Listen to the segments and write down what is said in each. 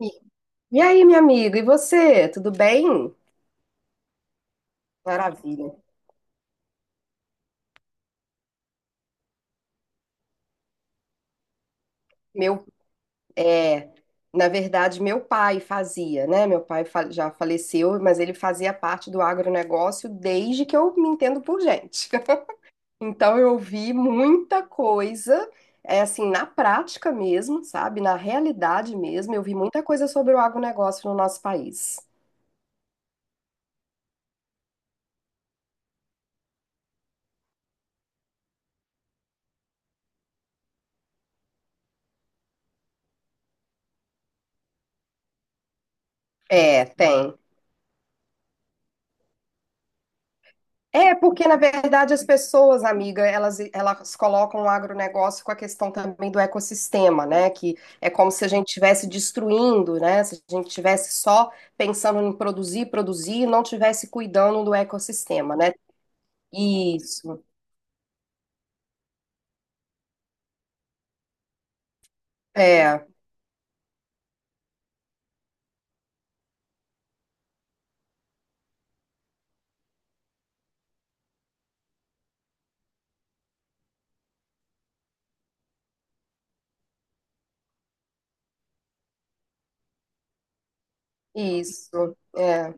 E e aí, minha amiga, e você? Tudo bem? Maravilha. Meu pé. Na verdade, meu pai fazia, né? Já faleceu, mas ele fazia parte do agronegócio desde que eu me entendo por gente. Então, eu vi muita coisa, é assim, na prática mesmo, sabe? Na realidade mesmo, eu vi muita coisa sobre o agronegócio no nosso país. É, tem. É, porque na verdade as pessoas, amiga, elas colocam o agronegócio com a questão também do ecossistema, né? Que é como se a gente estivesse destruindo, né? Se a gente estivesse só pensando em produzir, produzir e não estivesse cuidando do ecossistema, né? Isso, é, isso, é.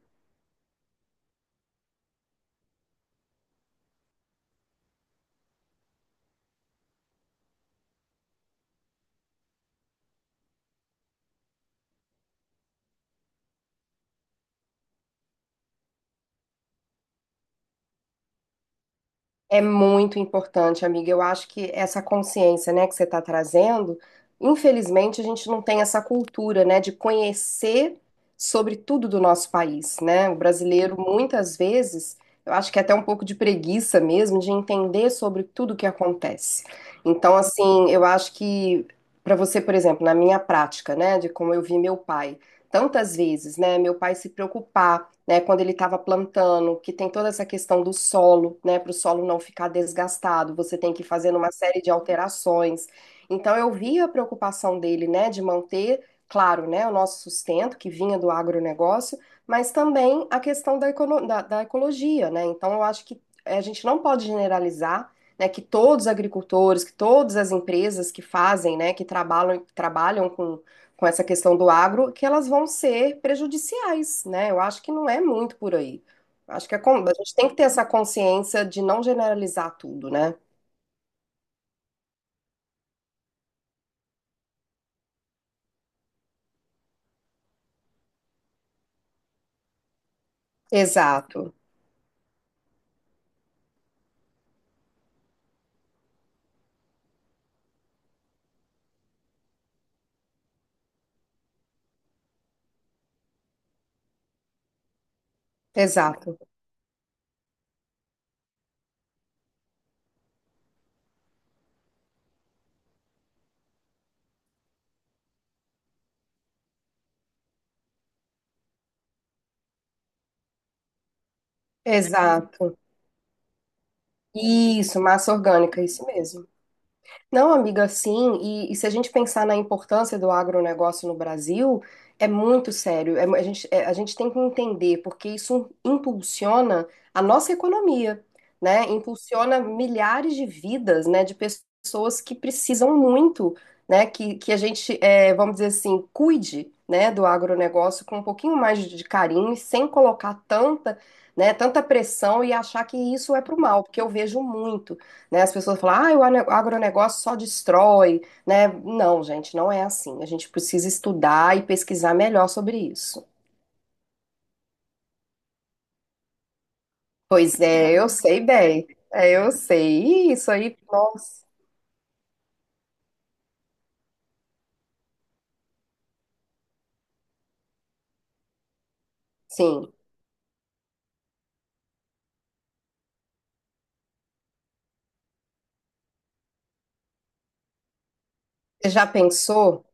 É muito importante, amiga. Eu acho que essa consciência, né, que você está trazendo, infelizmente a gente não tem essa cultura, né, de conhecer sobre tudo do nosso país, né? O brasileiro muitas vezes, eu acho que é até um pouco de preguiça mesmo de entender sobre tudo o que acontece. Então, assim, eu acho que para você, por exemplo, na minha prática, né, de como eu vi meu pai, tantas vezes, né, meu pai se preocupar, né, quando ele estava plantando, que tem toda essa questão do solo, né, para o solo não ficar desgastado, você tem que fazer uma série de alterações. Então eu vi a preocupação dele, né, de manter, claro, né, o nosso sustento que vinha do agronegócio, mas também a questão da, da ecologia, né? Então eu acho que a gente não pode generalizar, né, que todos os agricultores, que todas as empresas que fazem, né, que trabalham com essa questão do agro, que elas vão ser prejudiciais, né? Eu acho que não é muito por aí. Acho que a, a gente tem que ter essa consciência de não generalizar tudo, né? Exato, exato, exato. Isso, massa orgânica, isso mesmo. Não, amiga, sim. E se a gente pensar na importância do agronegócio no Brasil, é muito sério. A gente, a gente tem que entender, porque isso impulsiona a nossa economia, né? Impulsiona milhares de vidas, né? De pessoas que precisam muito, né? Que a gente, é, vamos dizer assim, cuide, né? Do agronegócio com um pouquinho mais de carinho e sem colocar tanta, né? Tanta pressão e achar que isso é pro mal, porque eu vejo muito, né? As pessoas falam, ah, o agronegócio só destrói, né? Não, gente, não é assim. A gente precisa estudar e pesquisar melhor sobre isso. Pois é, eu sei bem. É, eu sei. Ih, isso aí, nossa. Sim. Você já pensou?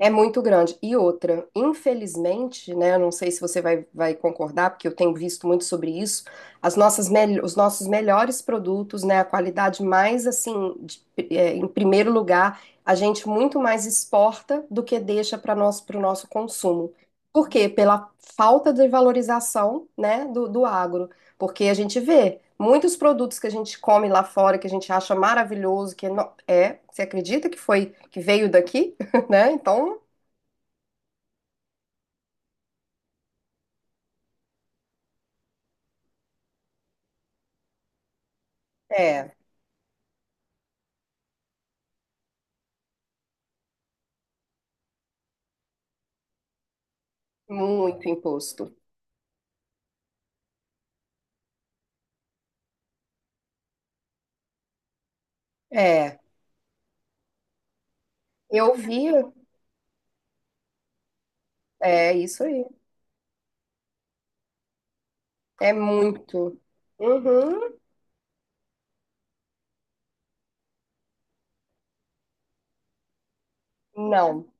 É muito grande. E outra, infelizmente, né, eu não sei se você vai concordar, porque eu tenho visto muito sobre isso, as nossas os nossos melhores produtos, né, a qualidade mais, assim, é, em primeiro lugar, a gente muito mais exporta do que deixa para nós, para o nosso consumo. Por quê? Pela falta de valorização, né, do, do agro. Porque a gente vê muitos produtos que a gente come lá fora, que a gente acha maravilhoso, que é, é, você acredita que foi, que veio daqui? Né? Então, é, muito imposto. É. Eu vi, é isso aí. É muito. Uhum. Não.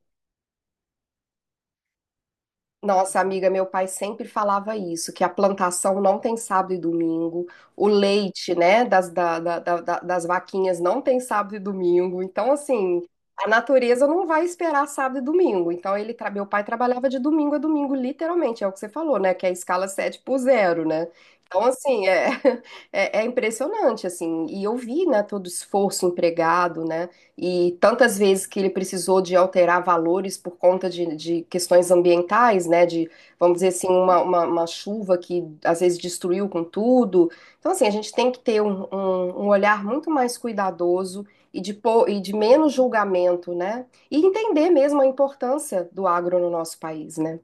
Nossa, amiga, meu pai sempre falava isso, que a plantação não tem sábado e domingo, o leite, né, das, da- da- da- da- das vaquinhas não tem sábado e domingo. Então, assim, a natureza não vai esperar sábado e domingo. Então, ele, meu pai trabalhava de domingo a domingo, literalmente, é o que você falou, né, que é a escala 7x0, né? Então, assim, é, é, é impressionante, assim, e eu vi, né, todo o esforço empregado, né? E tantas vezes que ele precisou de alterar valores por conta de questões ambientais, né? De, vamos dizer assim, uma chuva que às vezes destruiu com tudo. Então, assim, a gente tem que ter um olhar muito mais cuidadoso e de, e de menos julgamento, né? E entender mesmo a importância do agro no nosso país, né?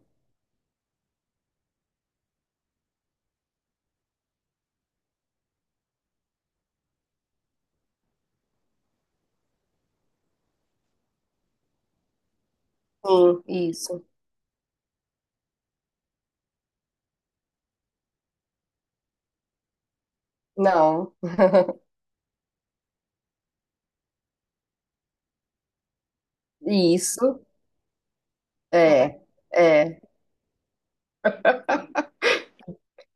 Sim, isso. Não, isso, é, é.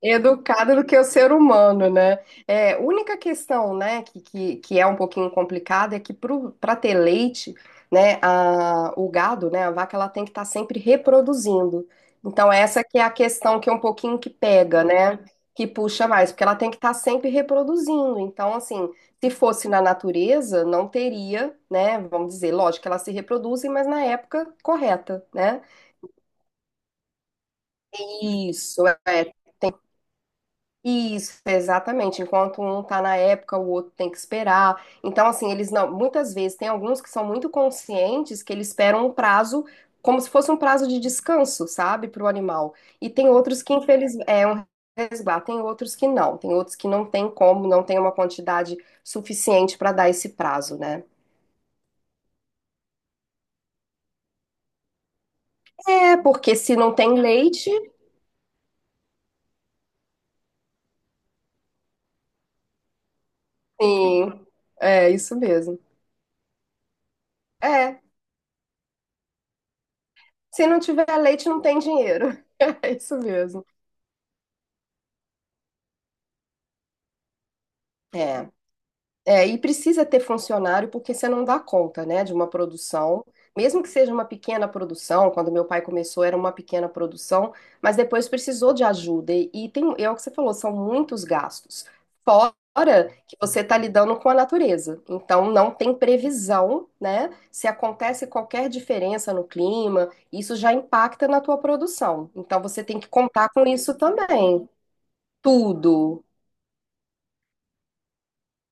Educado do que o ser humano, né? É, única questão, né, que é um pouquinho complicada é que para ter leite, né, a, o gado, né, a vaca, ela tem que estar sempre reproduzindo. Então, essa que é a questão que é um pouquinho que pega, né, que puxa mais, porque ela tem que estar sempre reproduzindo. Então, assim, se fosse na natureza, não teria, né, vamos dizer, lógico que elas se reproduzem, mas na época correta, né? Isso, é, isso, exatamente. Enquanto um tá na época, o outro tem que esperar. Então, assim, eles não. Muitas vezes tem alguns que são muito conscientes que eles esperam um prazo, como se fosse um prazo de descanso, sabe, para o animal. E tem outros que, infelizmente, é um resguardo. Tem outros que não. Tem outros que não tem como, não tem uma quantidade suficiente para dar esse prazo, né? É, porque se não tem leite, sim. É isso mesmo. É. Se não tiver leite, não tem dinheiro. É isso mesmo. É. É, e precisa ter funcionário porque você não dá conta, né, de uma produção, mesmo que seja uma pequena produção. Quando meu pai começou era uma pequena produção, mas depois precisou de ajuda e tem, é o que você falou, são muitos gastos. Fora que você está lidando com a natureza, então não tem previsão, né? Se acontece qualquer diferença no clima, isso já impacta na tua produção. Então você tem que contar com isso também. Tudo.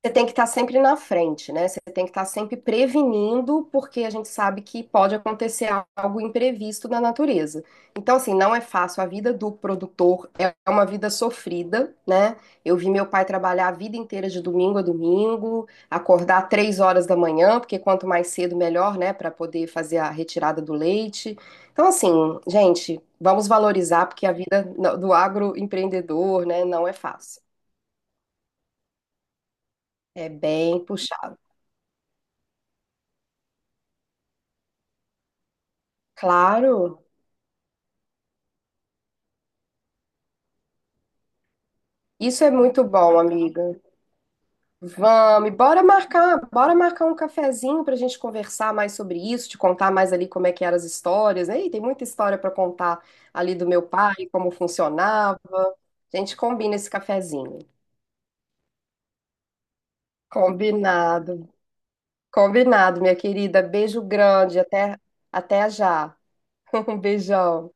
Você tem que estar sempre na frente, né? Você tem que estar sempre prevenindo, porque a gente sabe que pode acontecer algo imprevisto na natureza. Então, assim, não é fácil. A vida do produtor é uma vida sofrida, né? Eu vi meu pai trabalhar a vida inteira de domingo a domingo, acordar 3 horas da manhã, porque quanto mais cedo, melhor, né? Para poder fazer a retirada do leite. Então, assim, gente, vamos valorizar, porque a vida do agroempreendedor, né, não é fácil. É bem puxado. Claro. Isso é muito bom, amiga. Vamos, e bora marcar um cafezinho pra gente conversar mais sobre isso, te contar mais ali como é que eram as histórias, né? E tem muita história pra contar ali do meu pai, como funcionava. A gente combina esse cafezinho. Combinado. Combinado, minha querida. Beijo grande, até até já. Um beijão.